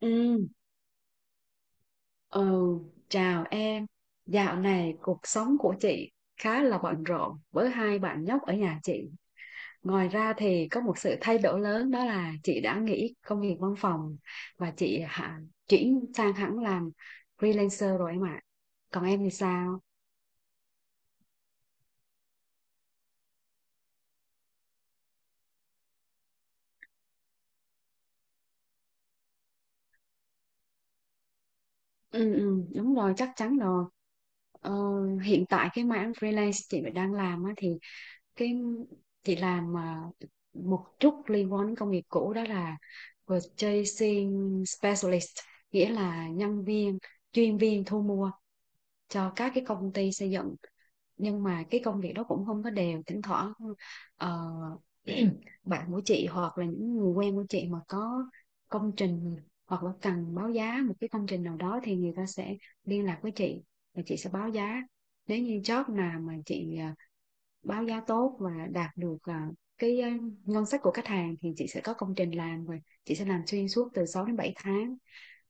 Ừ, ừ, chào em. Dạo này cuộc sống của chị khá là bận rộn với hai bạn nhóc ở nhà chị. Ngoài ra thì có một sự thay đổi lớn, đó là chị đã nghỉ công việc văn phòng và chuyển sang hẳn làm freelancer rồi em ạ. Còn em thì sao? Ừ, ừ, đúng rồi, chắc chắn rồi. Ờ, hiện tại cái mảng freelance chị đang làm á, thì cái chị làm một chút liên quan đến công nghiệp cũ, đó là purchasing specialist, nghĩa là nhân viên, chuyên viên thu mua cho các cái công ty xây dựng. Nhưng mà cái công việc đó cũng không có đều, thỉnh thoảng ờ, bạn của chị hoặc là những người quen của chị mà có công trình hoặc là cần báo giá một cái công trình nào đó thì người ta sẽ liên lạc với chị và chị sẽ báo giá. Nếu như job nào mà chị báo giá tốt và đạt được cái à, ngân sách của khách hàng thì chị sẽ có công trình làm và chị sẽ làm xuyên suốt từ 6 đến 7 tháng.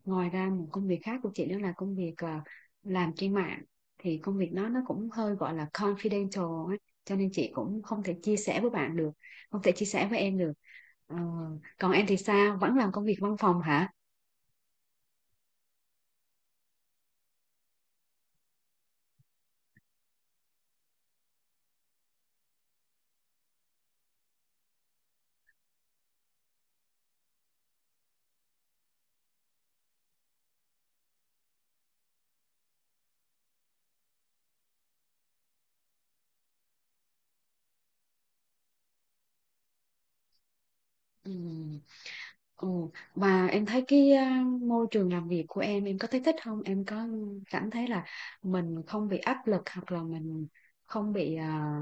Ngoài ra một công việc khác của chị đó là công việc làm trên mạng, thì công việc đó nó cũng hơi gọi là confidential ấy. Cho nên chị cũng không thể chia sẻ với bạn được, không thể chia sẻ với em được. Ờ, còn em thì sao? Vẫn làm công việc văn phòng hả? Ừ. Ồ, và em thấy cái môi trường làm việc của em có thấy thích không? Em có cảm thấy là mình không bị áp lực hoặc là mình không bị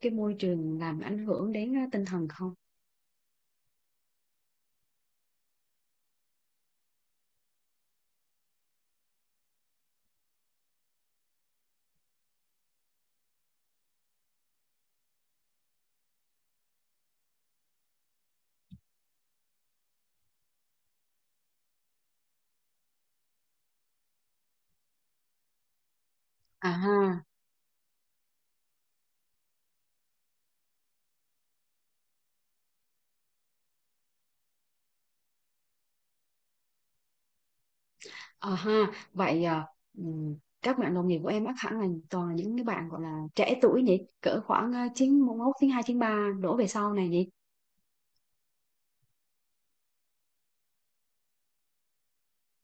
cái môi trường làm ảnh hưởng đến tinh thần không? À ha. À ha, vậy ừm, các bạn đồng nghiệp của em ác hẳn là toàn là những cái bạn gọi là trẻ tuổi nhỉ, cỡ khoảng 91, 92, 93 đổ về sau này nhỉ.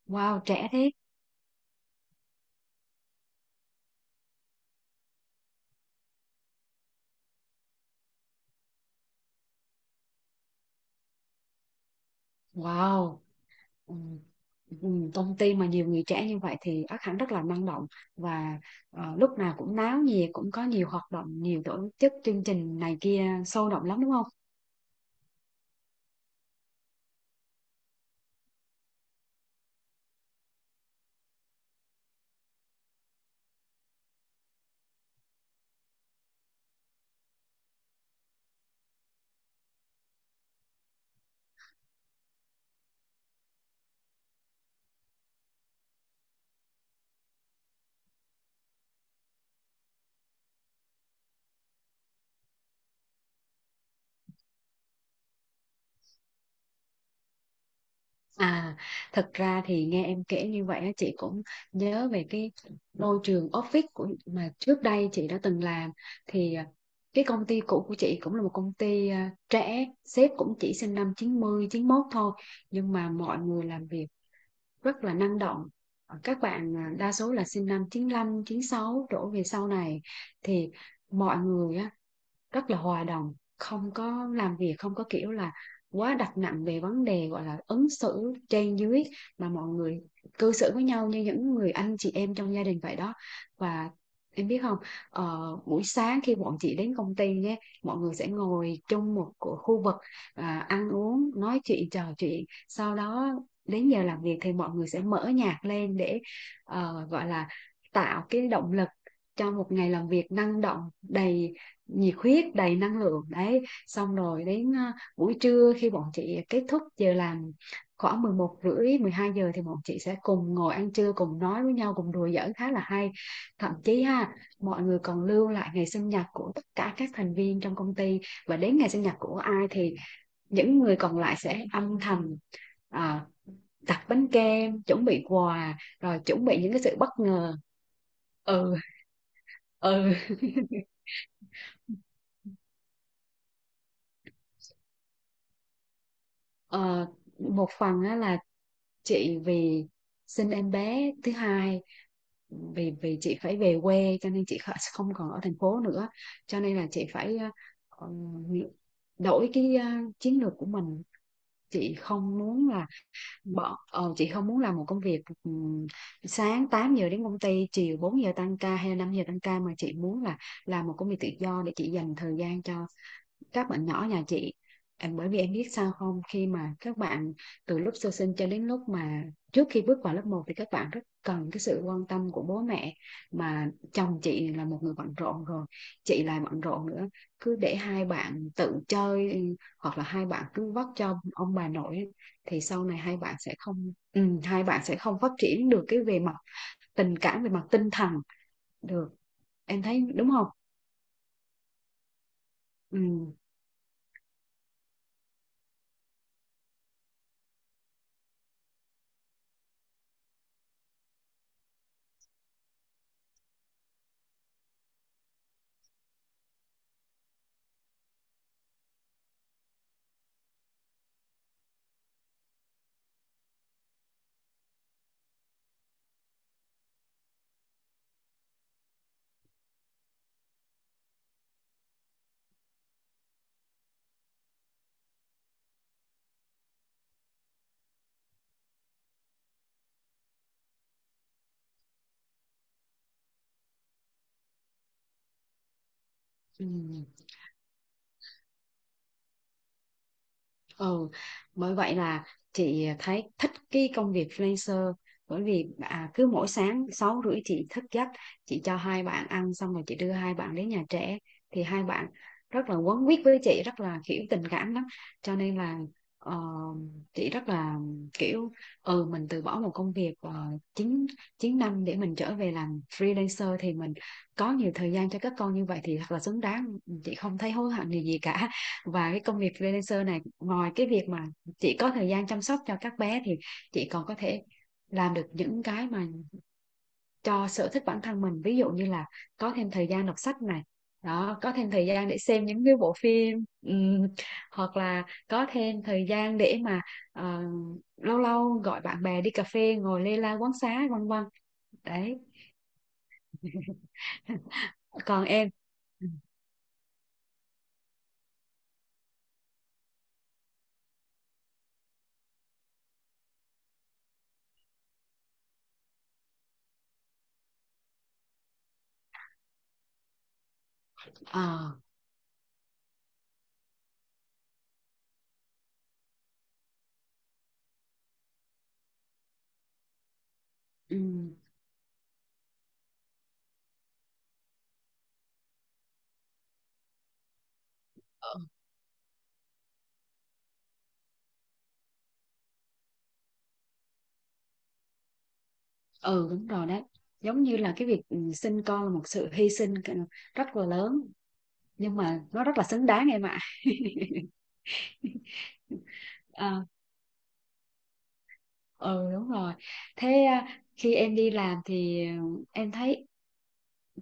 Wow, trẻ thế. Wow. Ừm, công ty mà nhiều người trẻ như vậy thì ác hẳn rất là năng động và lúc nào cũng náo nhiệt, cũng có nhiều hoạt động, nhiều tổ chức chương trình này kia sôi động lắm đúng không? À, thật ra thì nghe em kể như vậy á, chị cũng nhớ về cái môi trường office của mà trước đây chị đã từng làm, thì cái công ty cũ của chị cũng là một công ty trẻ, sếp cũng chỉ sinh năm 90, 91 thôi, nhưng mà mọi người làm việc rất là năng động. Ờ, các bạn đa số là sinh năm 95, 96 đổ về sau này, thì mọi người rất là hòa đồng, không có làm việc không có kiểu là quá đặt nặng về vấn đề gọi là ứng xử trên dưới, mà mọi người cư xử với nhau như những người anh chị em trong gia đình vậy đó. Và em biết không, buổi sáng khi bọn chị đến công ty nhé, mọi người sẽ ngồi chung một khu vực, ăn uống nói chuyện trò chuyện, sau đó đến giờ làm việc thì mọi người sẽ mở nhạc lên để gọi là tạo cái động lực cho một ngày làm việc năng động, đầy nhiệt huyết đầy năng lượng đấy. Xong rồi đến buổi trưa khi bọn chị kết thúc giờ làm khoảng 11 rưỡi 12 giờ thì bọn chị sẽ cùng ngồi ăn trưa, cùng nói với nhau, cùng đùa giỡn khá là hay. Thậm chí ha, mọi người còn lưu lại ngày sinh nhật của tất cả các thành viên trong công ty, và đến ngày sinh nhật của ai thì những người còn lại sẽ âm thầm à, đặt bánh kem, chuẩn bị quà, rồi chuẩn bị những cái sự bất ngờ. Ừ. Ừ. Ờ, một phần á, là chị vì sinh em bé thứ hai, vì vì chị phải về quê cho nên chị không còn ở thành phố nữa, cho nên là chị phải ờ, đổi cái chiến lược của mình. Chị không muốn là chị không muốn làm một công việc sáng 8 giờ đến công ty, chiều 4 giờ tăng ca hay là 5 giờ tăng ca, mà chị muốn là làm một công việc tự do để chị dành thời gian cho các bạn nhỏ nhà chị. Bởi vì em biết sao không, khi mà các bạn từ lúc sơ sinh cho đến lúc mà trước khi bước vào lớp một thì các bạn rất cần cái sự quan tâm của bố mẹ, mà chồng chị là một người bận rộn rồi, chị lại bận rộn nữa, cứ để hai bạn tự chơi, ừ, hoặc là hai bạn cứ vất cho ông bà nội, thì sau này hai bạn sẽ không, ừ, hai bạn sẽ không phát triển được cái về mặt tình cảm, về mặt tinh thần được. Em thấy đúng không. Ừ. Ừ. Ừ, bởi vậy là chị thấy thích cái công việc freelancer, bởi vì cứ mỗi sáng 6 rưỡi chị thức giấc, chị cho hai bạn ăn xong rồi chị đưa hai bạn đến nhà trẻ, thì hai bạn rất là quấn quýt với chị, rất là kiểu tình cảm lắm. Cho nên là ờ, chị rất là kiểu, ừ, mình từ bỏ một công việc chín chín năm để mình trở về làm freelancer thì mình có nhiều thời gian cho các con, như vậy thì thật là xứng đáng, chị không thấy hối hận gì gì cả. Và cái công việc freelancer này, ngoài cái việc mà chị có thời gian chăm sóc cho các bé thì chị còn có thể làm được những cái mà cho sở thích bản thân mình, ví dụ như là có thêm thời gian đọc sách này, đó, có thêm thời gian để xem những cái bộ phim, hoặc là có thêm thời gian để mà ờ, lâu lâu gọi bạn bè đi cà phê ngồi lê la quán xá vân vân, đấy. Còn em. Ờ, ừm. Ừ đúng rồi đấy, giống như là cái việc, ừ, sinh con là một sự hy sinh rất là lớn, nhưng mà nó rất là xứng đáng em ạ. À, ừ đúng rồi. Thế khi em đi làm thì, ừ, em thấy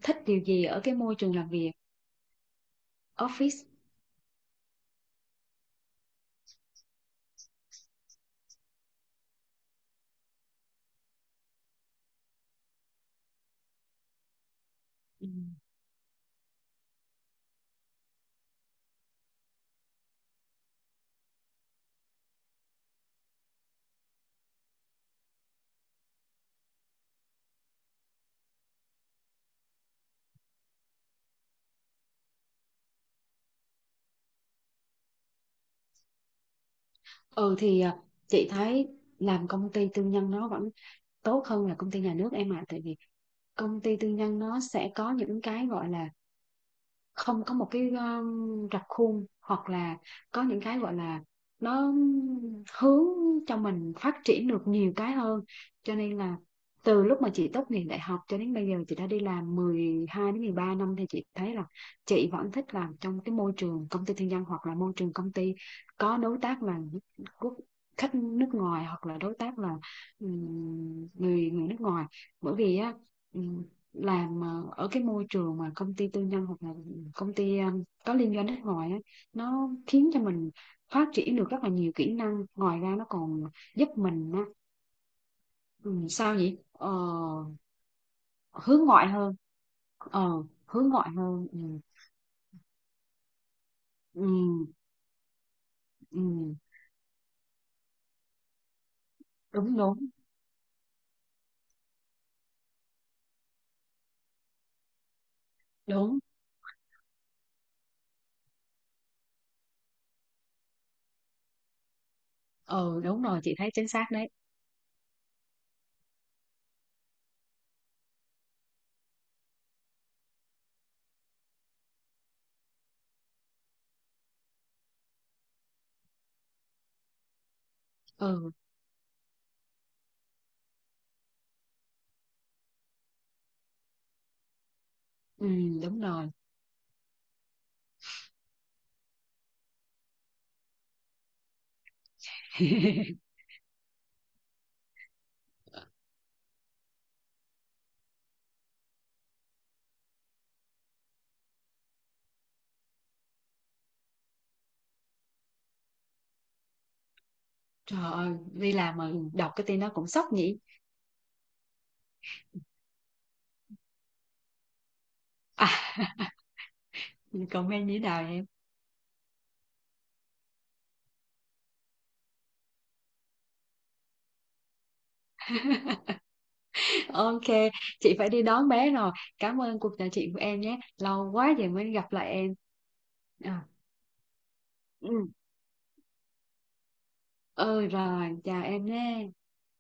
thích điều gì ở cái môi trường làm việc, office? Ừ. Ừ, chị thấy làm công ty tư nhân nó vẫn tốt hơn là công ty nhà nước em ạ. Tại vì công ty tư nhân nó sẽ có những cái gọi là không có một cái rập khuôn, hoặc là có những cái gọi là nó hướng cho mình phát triển được nhiều cái hơn. Cho nên là từ lúc mà chị tốt nghiệp đại học cho đến bây giờ chị đã đi làm 12 đến 13 năm thì chị thấy là chị vẫn thích làm trong cái môi trường công ty tư nhân, hoặc là môi trường công ty có đối tác là quốc khách nước ngoài, hoặc là đối tác là người người nước ngoài. Bởi vì á, ừm, làm ở cái môi trường mà công ty tư nhân, hoặc là công ty có liên doanh nước ngoài á, nó khiến cho mình phát triển được rất là nhiều kỹ năng. Ngoài ra nó còn giúp mình á, ừ, sao nhỉ, hướng ngoại hơn. Ờ hướng ngoại hơn, ừ, ừ, ừ, đúng đúng đúng. Ừ đúng rồi, chị thấy chính xác đấy. Ừ. Ừ đúng rồi. Trời ơi, đi làm mà đọc cái tin đó cũng sốc nhỉ. À, comment như thế nào em? Ok, chị phải đi đón bé rồi. Cảm ơn cuộc trò chuyện của em nhé. Lâu quá rồi mới gặp lại em. À, ừ. Ừ rồi, chào em nhé.